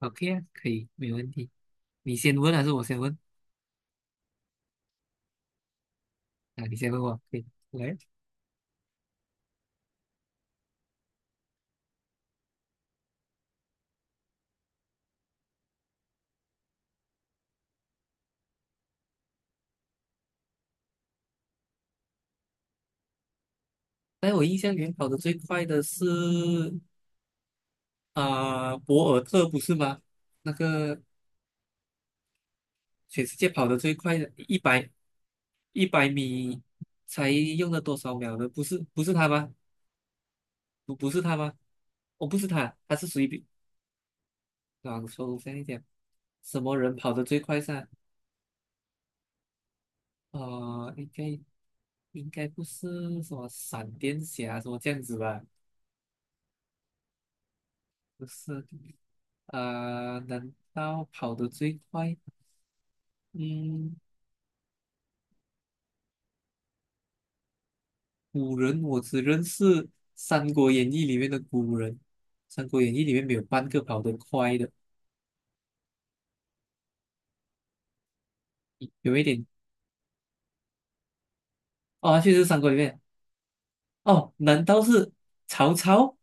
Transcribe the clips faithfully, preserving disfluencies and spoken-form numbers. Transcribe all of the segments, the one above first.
OK 啊，可以，没问题。你先问还是我先问？啊，你先问我，可以。来，在我印象里面跑得最快的是啊、博尔特不是吗？那个全世界跑得最快的，一百一百米才用了多少秒的？不是不是他吗？不不是他吗？哦，不是他，他是谁比？啊，说这样一点，什么人跑得最快噻？呃，应该应该不是什么闪电侠什么这样子吧？不是，啊、难道跑得最快？嗯，古人我只认识《三国演义》里面的古人，《三国演义》里面没有半个跑得快的，有一点哦，确实是三国里面哦，难道是曹操？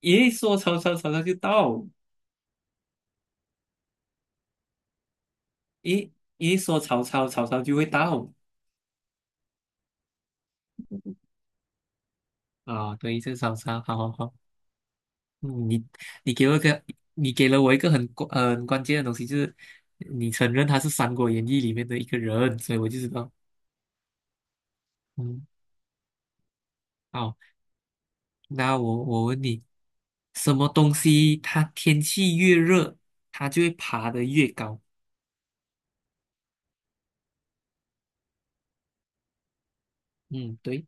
一说曹操，曹操就到；一一说曹操，曹操就会到啊、对，是曹操，好好好，嗯，你你给我一个，你给了我一个很关呃很关键的东西，就是你承认他是《三国演义》里面的一个人，所以我就知道。嗯，好，那我我问你，什么东西它天气越热，它就会爬得越高？嗯，对，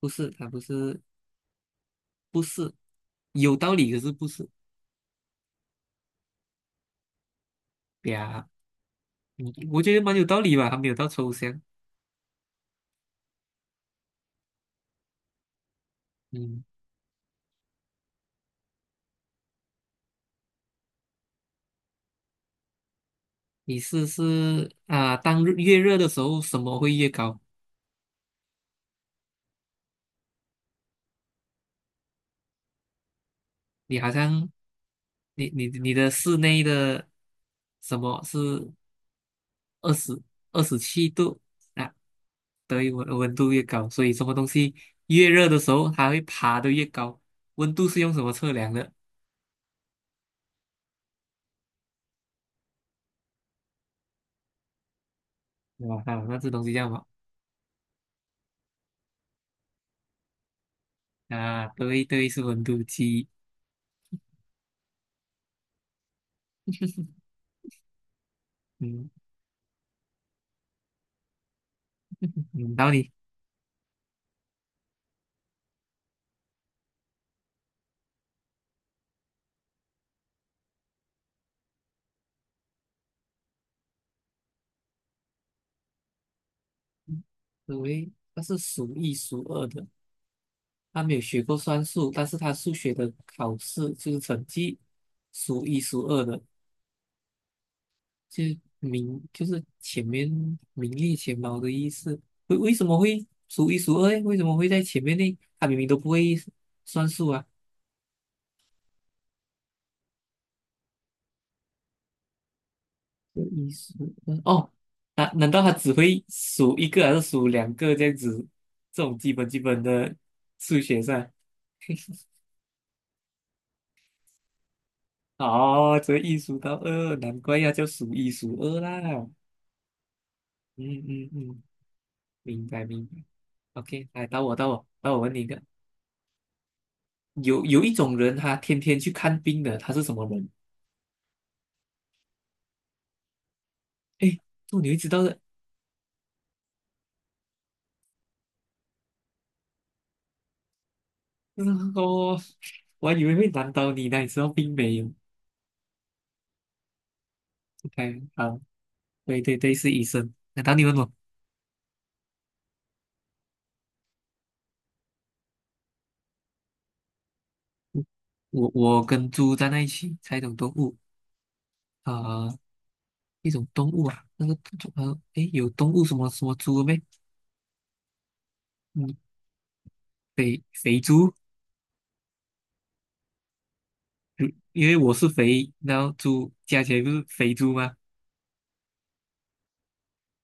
不是，它不是，不是，有道理，可是不是呀？嗯，我觉得蛮有道理吧，还没有到抽象。嗯，你试试啊，当日越热的时候，什么会越高？你好像，你你你的室内的什么是二十二十七度？啊对，温温度越高，所以什么东西越热的时候，它会爬得越高。温度是用什么测量的？对吧？啊，那这东西这样么？啊，对对，是温度计。嗯嗯，到你。对，它是数一数二的。他没有学过算术，但是他数学的考试就是成绩数一数二的，就是名就是前面名列前茅的意思。为为什么会数一数二诶？为什么会在前面呢？他明明都不会算数啊。这一数二哦，难、难道他只会数一个还是数两个这样子？这种基本基本的数学上，哦，这一数到二，难怪要叫数一数二啦。嗯嗯嗯，明白明白。OK，来到我到我到我问你一个，有有一种人他天天去看病的，他是什么人？哎，这你会知道的。嗯哦，我还以为会难倒你呢，你知道并没有。OK，好，对对对，是医生。难道你问我？我我跟猪站在一起，猜一种动物啊、呃一种动物啊，那个动呃，诶，有动物什么什么猪没？嗯，肥肥猪，如因为我是肥，然后猪加起来不是肥猪吗？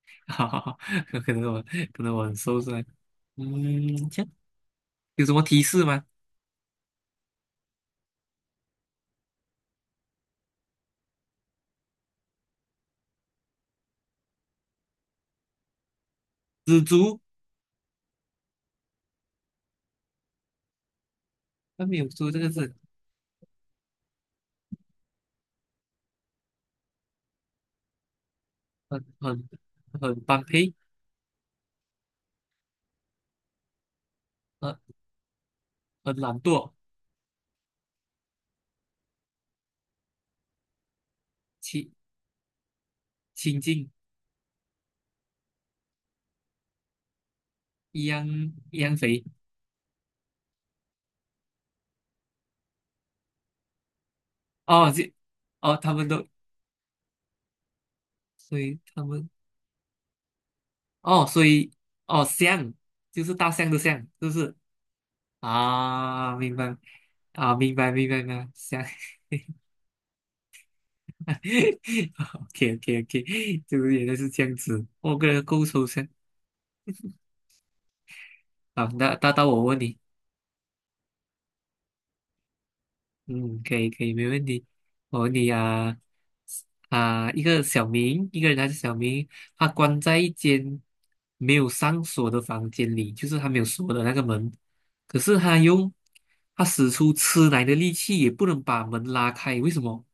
哈哈哈，可能我可能我很瘦是吧？嗯，这样有什么提示吗？蜘蛛，上没有猪这个字，很很很般配，很很懒惰，亲亲近一样一样肥哦，这哦，他们都，所以他们。哦，所以哦，象就是大象的象，是不是？啊，明白啊，明白明白明白，象 ，OK OK OK，就是原来是这样子，我个人够抽象。好，那那到我问你。嗯，可以可以，没问题。我问你啊啊，一个小明，一个人还是小明，他关在一间没有上锁的房间里，就是他没有锁的那个门，可是他用他使出吃奶的力气也不能把门拉开，为什么？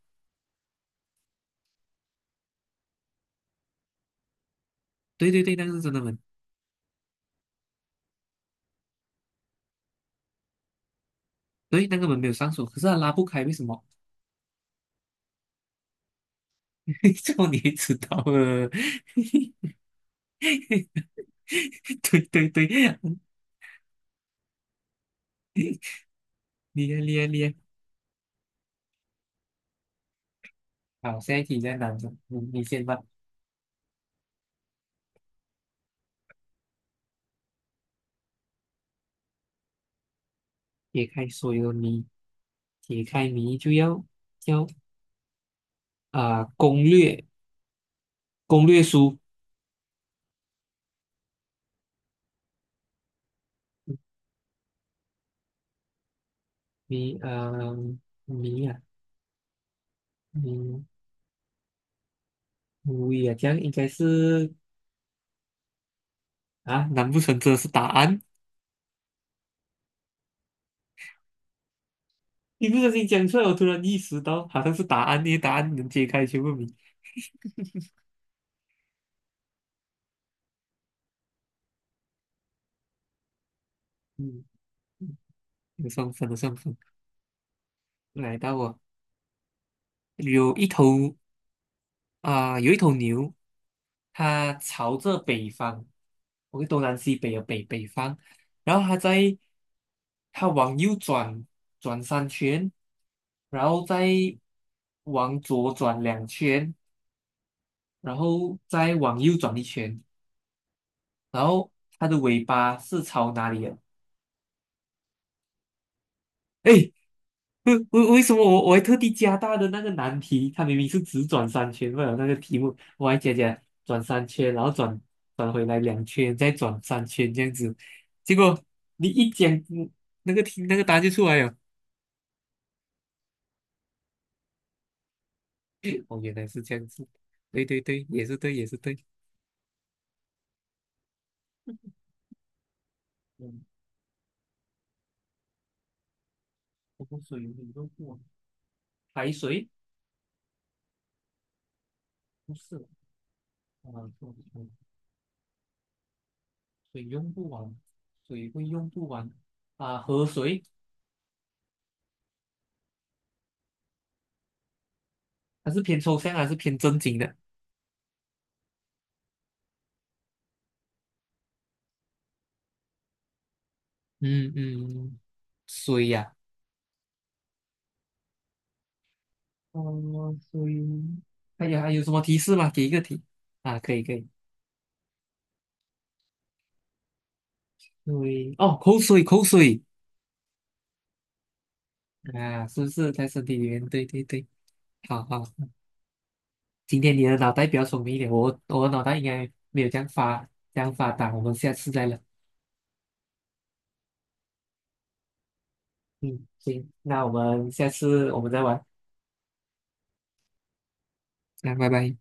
对对对，那个是真的门，对，那个门没有上锁，可是他拉不开，为什么？这样你也知道了，对对对，厉害厉害厉害。好，下一题在哪？着，你你先吧，解开所有谜。解开谜就要要啊、呃攻略攻略书谜呃谜啊谜无语啊，这样应该是啊，难不成这是答案？一不小心讲出来，我突然意识到好像是答案，因为答案能解开全部谜。嗯，有上分的上分。来到我有一头啊、有一头牛，它朝着北方我 k 东南西北的北北方，然后它在它往右转转三圈，然后再往左转两圈，然后再往右转一圈，然后它的尾巴是朝哪里的？哎，为为为什么我我还特地加大的那个难题？它明明是只转三圈，为了那个题目，我还加加转三圈，然后转转回来两圈，再转三圈这样子。结果你一讲，嗯那个题那个答案就出来了。哦，原来是这样子。对对对，也是对，也是对。嗯，我不过水你用不完，排水不是啊，不不水用不完，水会用不完啊。河水它是偏抽象还是偏正经的？嗯嗯，水呀、哦，所以，哎呀，还有什么提示吗？给一个提啊，可以可以。对，哦，口水口水啊，是不是在身体里面？对对对，好好。今天你的脑袋比较聪明一点，我我的脑袋应该没有这样发这样发达。我们下次再聊。嗯，行，那我们下次我们再玩。那拜拜。